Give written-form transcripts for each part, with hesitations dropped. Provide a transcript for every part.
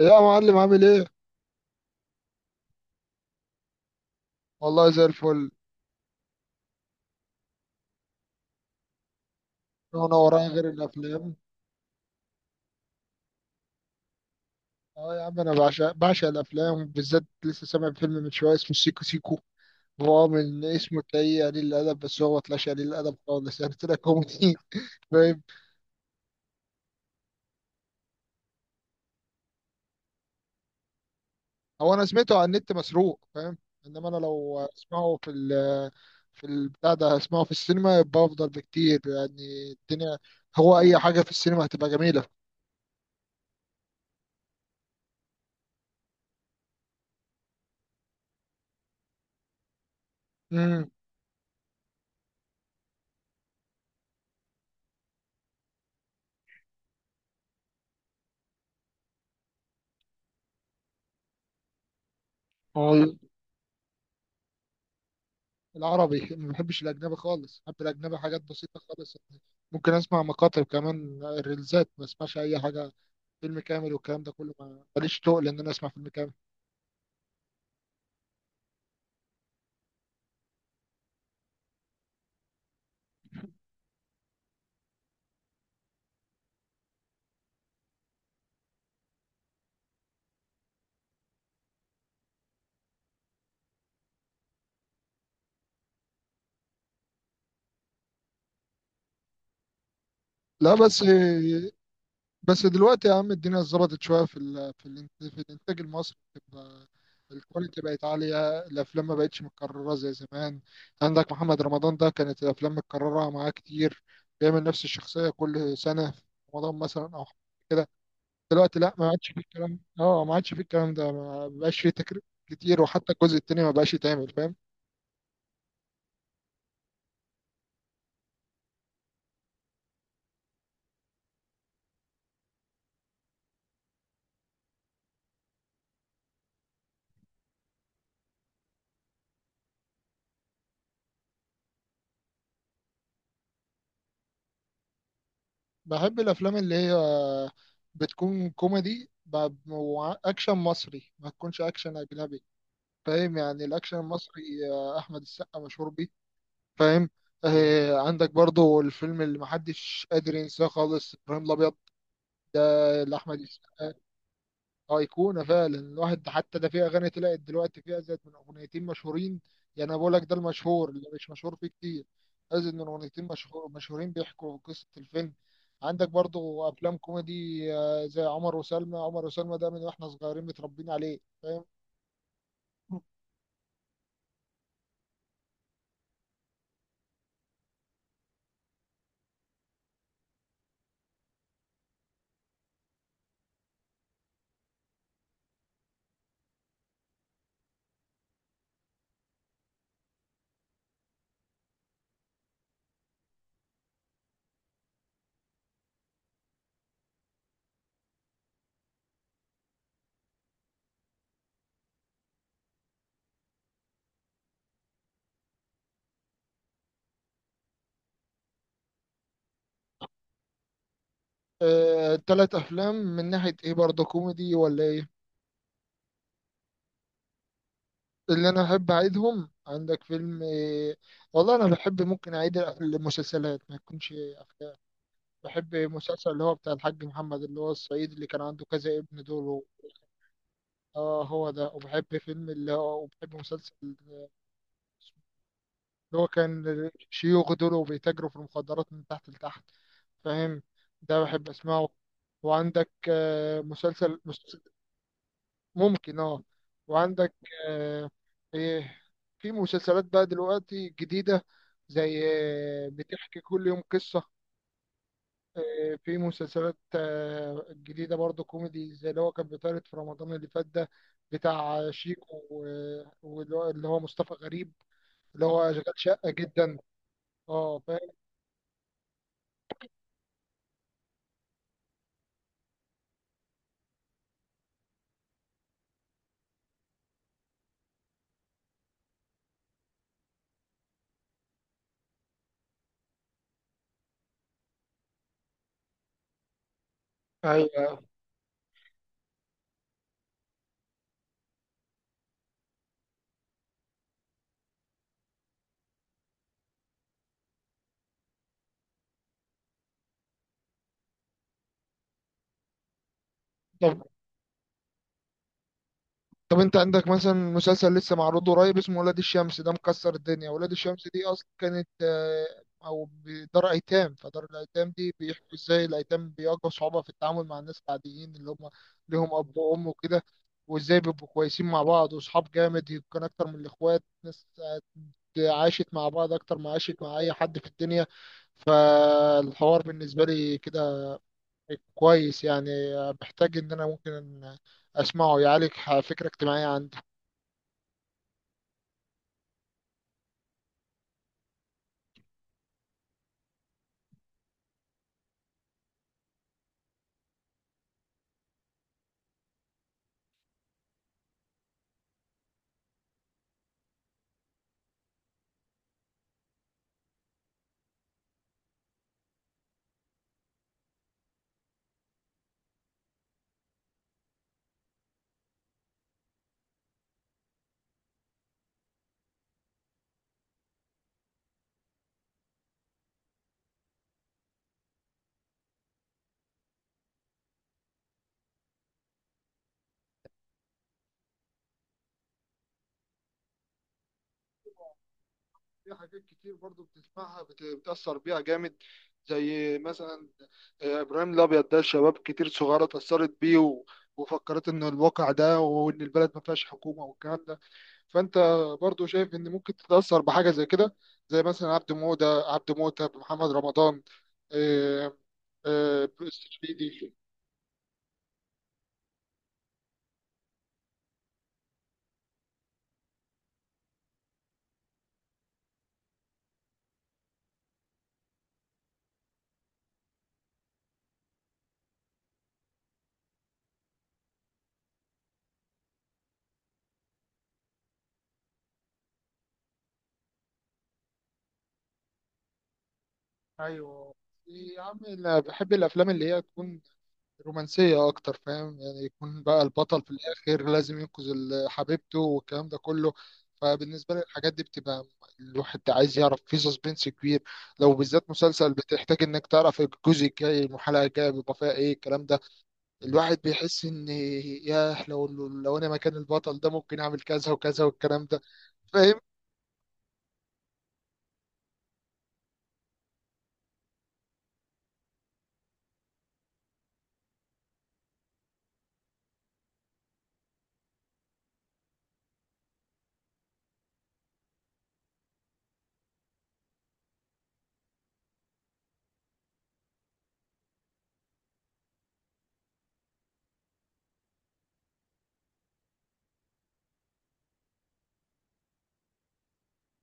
يا معلم عامل ايه؟ والله زي الفل. انا ورايا غير الافلام. اه يا عم انا بعشق الافلام، بالذات لسه سامع فيلم من شويه اسمه سيكو سيكو. هو من اسمه تلاقيه قليل الادب، بس هو طلعش قليل الادب خالص، يعني طلع كوميدي. فاهم؟ هو انا سمعته على النت مسروق، فاهم. انما انا لو اسمعه في البتاع ده، هسمعه في السينما يبقى افضل بكتير، يعني الدنيا. هو اي حاجه في السينما هتبقى جميله. امم العربي. ما بحبش الأجنبي خالص، بحب الأجنبي حاجات بسيطة خالص يعني. ممكن أسمع مقاطع كمان، ريلزات، ما أسمعش أي حاجة فيلم كامل. والكلام ده كله، ماليش تقل إن أنا أسمع فيلم كامل. لا بس دلوقتي يا عم الدنيا اتظبطت شوية في الإنتاج المصري، بتبقى الكواليتي بقت عالية، الأفلام ما بقتش متكررة زي زمان. عندك محمد رمضان ده كانت الأفلام متكررة معاه كتير، بيعمل نفس الشخصية كل سنة في رمضان مثلا أو كده. دلوقتي لا، ما عادش فيه الكلام، اه ما عادش فيه الكلام ده، ما بقاش فيه تكرير كتير، وحتى الجزء التاني ما بقاش يتعمل، فاهم. بحب الافلام اللي هي بتكون كوميدي واكشن مصري، ما تكونش اكشن اجنبي. فاهم؟ يعني الاكشن المصري احمد السقا مشهور بيه، فاهم. آه عندك برضو الفيلم اللي محدش قادر ينساه خالص، ابراهيم الابيض ده لاحمد السقا. ايقونه فعلا، الواحد حتى ده في اغاني طلعت دلوقتي فيها، زاد من اغنيتين مشهورين. يعني انا بقول لك ده المشهور، اللي مش مشهور فيه كتير ازيد من اغنيتين مشهورين بيحكوا قصه الفيلم. عندك برضو افلام كوميدي زي عمر وسلمى، عمر وسلمى ده من واحنا صغيرين متربيين عليه، فاهم. تلات افلام من ناحيه ايه؟ برضو كوميدي ولا ايه؟ اللي انا احب اعيدهم، عندك فيلم والله انا بحب ممكن اعيد المسلسلات ما يكونش افلام. بحب مسلسل اللي هو بتاع الحاج محمد، اللي هو الصعيدي، اللي كان عنده كذا ابن دول و- اه هو ده. وبحب فيلم اللي هو، وبحب مسلسل اللي هو كان شيوخ دول وبيتاجروا في المخدرات من تحت لتحت، فاهم. ده بحب اسمعه. وعندك مسلسل. ممكن اه. وعندك آه، ايه، في مسلسلات بقى دلوقتي جديدة زي بتحكي كل يوم قصة. في مسلسلات جديدة برضه كوميدي زي اللي هو كان بيتعرض في رمضان اللي فات ده، بتاع شيكو واللي هو، اللي هو مصطفى غريب، اللي هو شغال شقة جدا، اه فاهم. ايوه. طب طب انت عندك مثلا مسلسل لسه معروض قريب اسمه ولاد الشمس، ده مكسر الدنيا. ولاد الشمس دي اصلا كانت او دار ايتام. فدار الايتام دي بيحكوا ازاي الايتام بيواجهوا صعوبة في التعامل مع الناس العاديين اللي هم ليهم اب وام وكده. وازاي بيبقوا كويسين مع بعض واصحاب جامد، يمكن اكتر من الاخوات، ناس عاشت مع بعض اكتر ما عاشت مع اي حد في الدنيا. فالحوار بالنسبة لي كده كويس يعني، محتاج ان انا ممكن اسمعه، يعالج فكرة اجتماعية عندي. في حاجات كتير برضو بتسمعها، بتأثر بيها جامد، زي مثلا إبراهيم الأبيض ده، شباب كتير صغيرة اتأثرت بيه، وفكرت إن الواقع ده، وإن البلد ما فيهاش حكومة والكلام ده. فأنت برضو شايف إن ممكن تتأثر بحاجة زي كده، زي مثلا عبد مودة، عبد موتة، محمد رمضان، آه، الشريدي. ايوه يا عم، أنا بحب الأفلام اللي هي تكون رومانسية أكتر، فاهم. يعني يكون بقى البطل في الآخر لازم ينقذ حبيبته والكلام ده كله. فبالنسبة لي الحاجات دي بتبقى الواحد عايز يعرف، في سسبنس كبير. لو بالذات مسلسل، بتحتاج إنك تعرف الجزء الجاي الحلقة الجاية بيبقى فيها إيه الكلام ده. الواحد بيحس إن ياه، لو أنا مكان البطل ده ممكن أعمل كذا وكذا والكلام ده. فاهم؟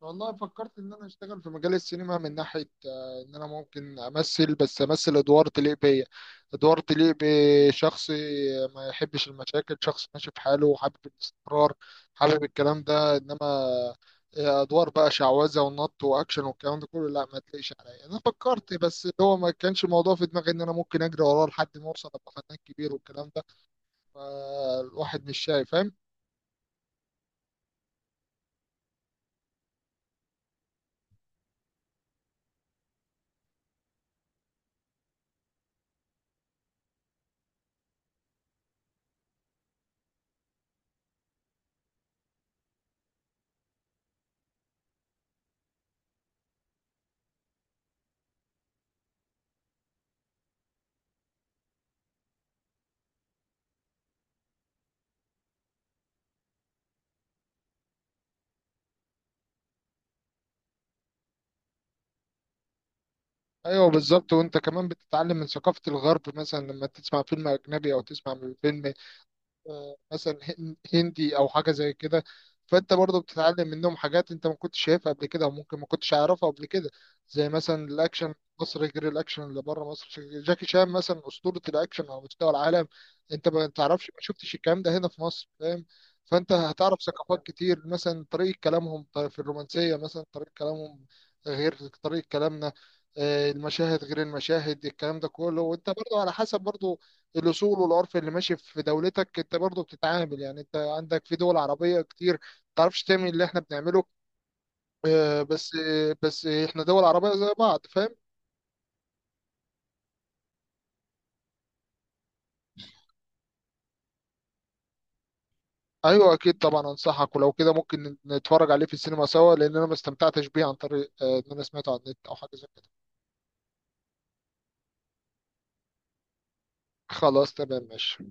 والله فكرت ان انا اشتغل في مجال السينما من ناحيه ان انا ممكن امثل، بس امثل ادوار تليق بيا، ادوار تليق بشخص ما يحبش المشاكل، شخص ماشي في حاله وحابب الاستقرار، حابب الكلام ده. انما ادوار بقى شعوذه ونط واكشن والكلام ده كله، لا ما تلاقيش عليا. انا فكرت بس هو ما كانش الموضوع في دماغي ان انا ممكن اجري وراه لحد ما اوصل ابقى فنان كبير والكلام ده. فالواحد مش شايف. ايوه بالظبط، وانت كمان بتتعلم من ثقافه الغرب مثلا لما تسمع فيلم اجنبي، او تسمع من فيلم مثلا هندي او حاجه زي كده. فانت برضو بتتعلم منهم حاجات انت ما كنتش شايفها قبل كده، وممكن ما كنتش عارفها قبل كده. زي مثلا الاكشن، مصر غير الاكشن اللي بره مصر. جاكي شان مثلا اسطوره الاكشن على مستوى العالم، انت ما تعرفش، ما شفتش الكلام ده هنا في مصر، فاهم. فانت هتعرف ثقافات كتير، مثلا طريقه كلامهم في الرومانسيه، مثلا طريقه كلامهم غير طريقه كلامنا، المشاهد غير المشاهد، الكلام ده كله. وانت برضو على حسب برضو الاصول والعرف اللي ماشي في دولتك انت برضه بتتعامل. يعني انت عندك في دول عربيه كتير ما تعرفش تعمل اللي احنا بنعمله، بس بس احنا دول عربيه زي بعض، فاهم. ايوه اكيد طبعا انصحك، ولو كده ممكن نتفرج عليه في السينما سوا، لان انا ما استمتعتش بيه عن طريق ان انا سمعته على النت او حاجه زي كده. خلاص تمام ماشي.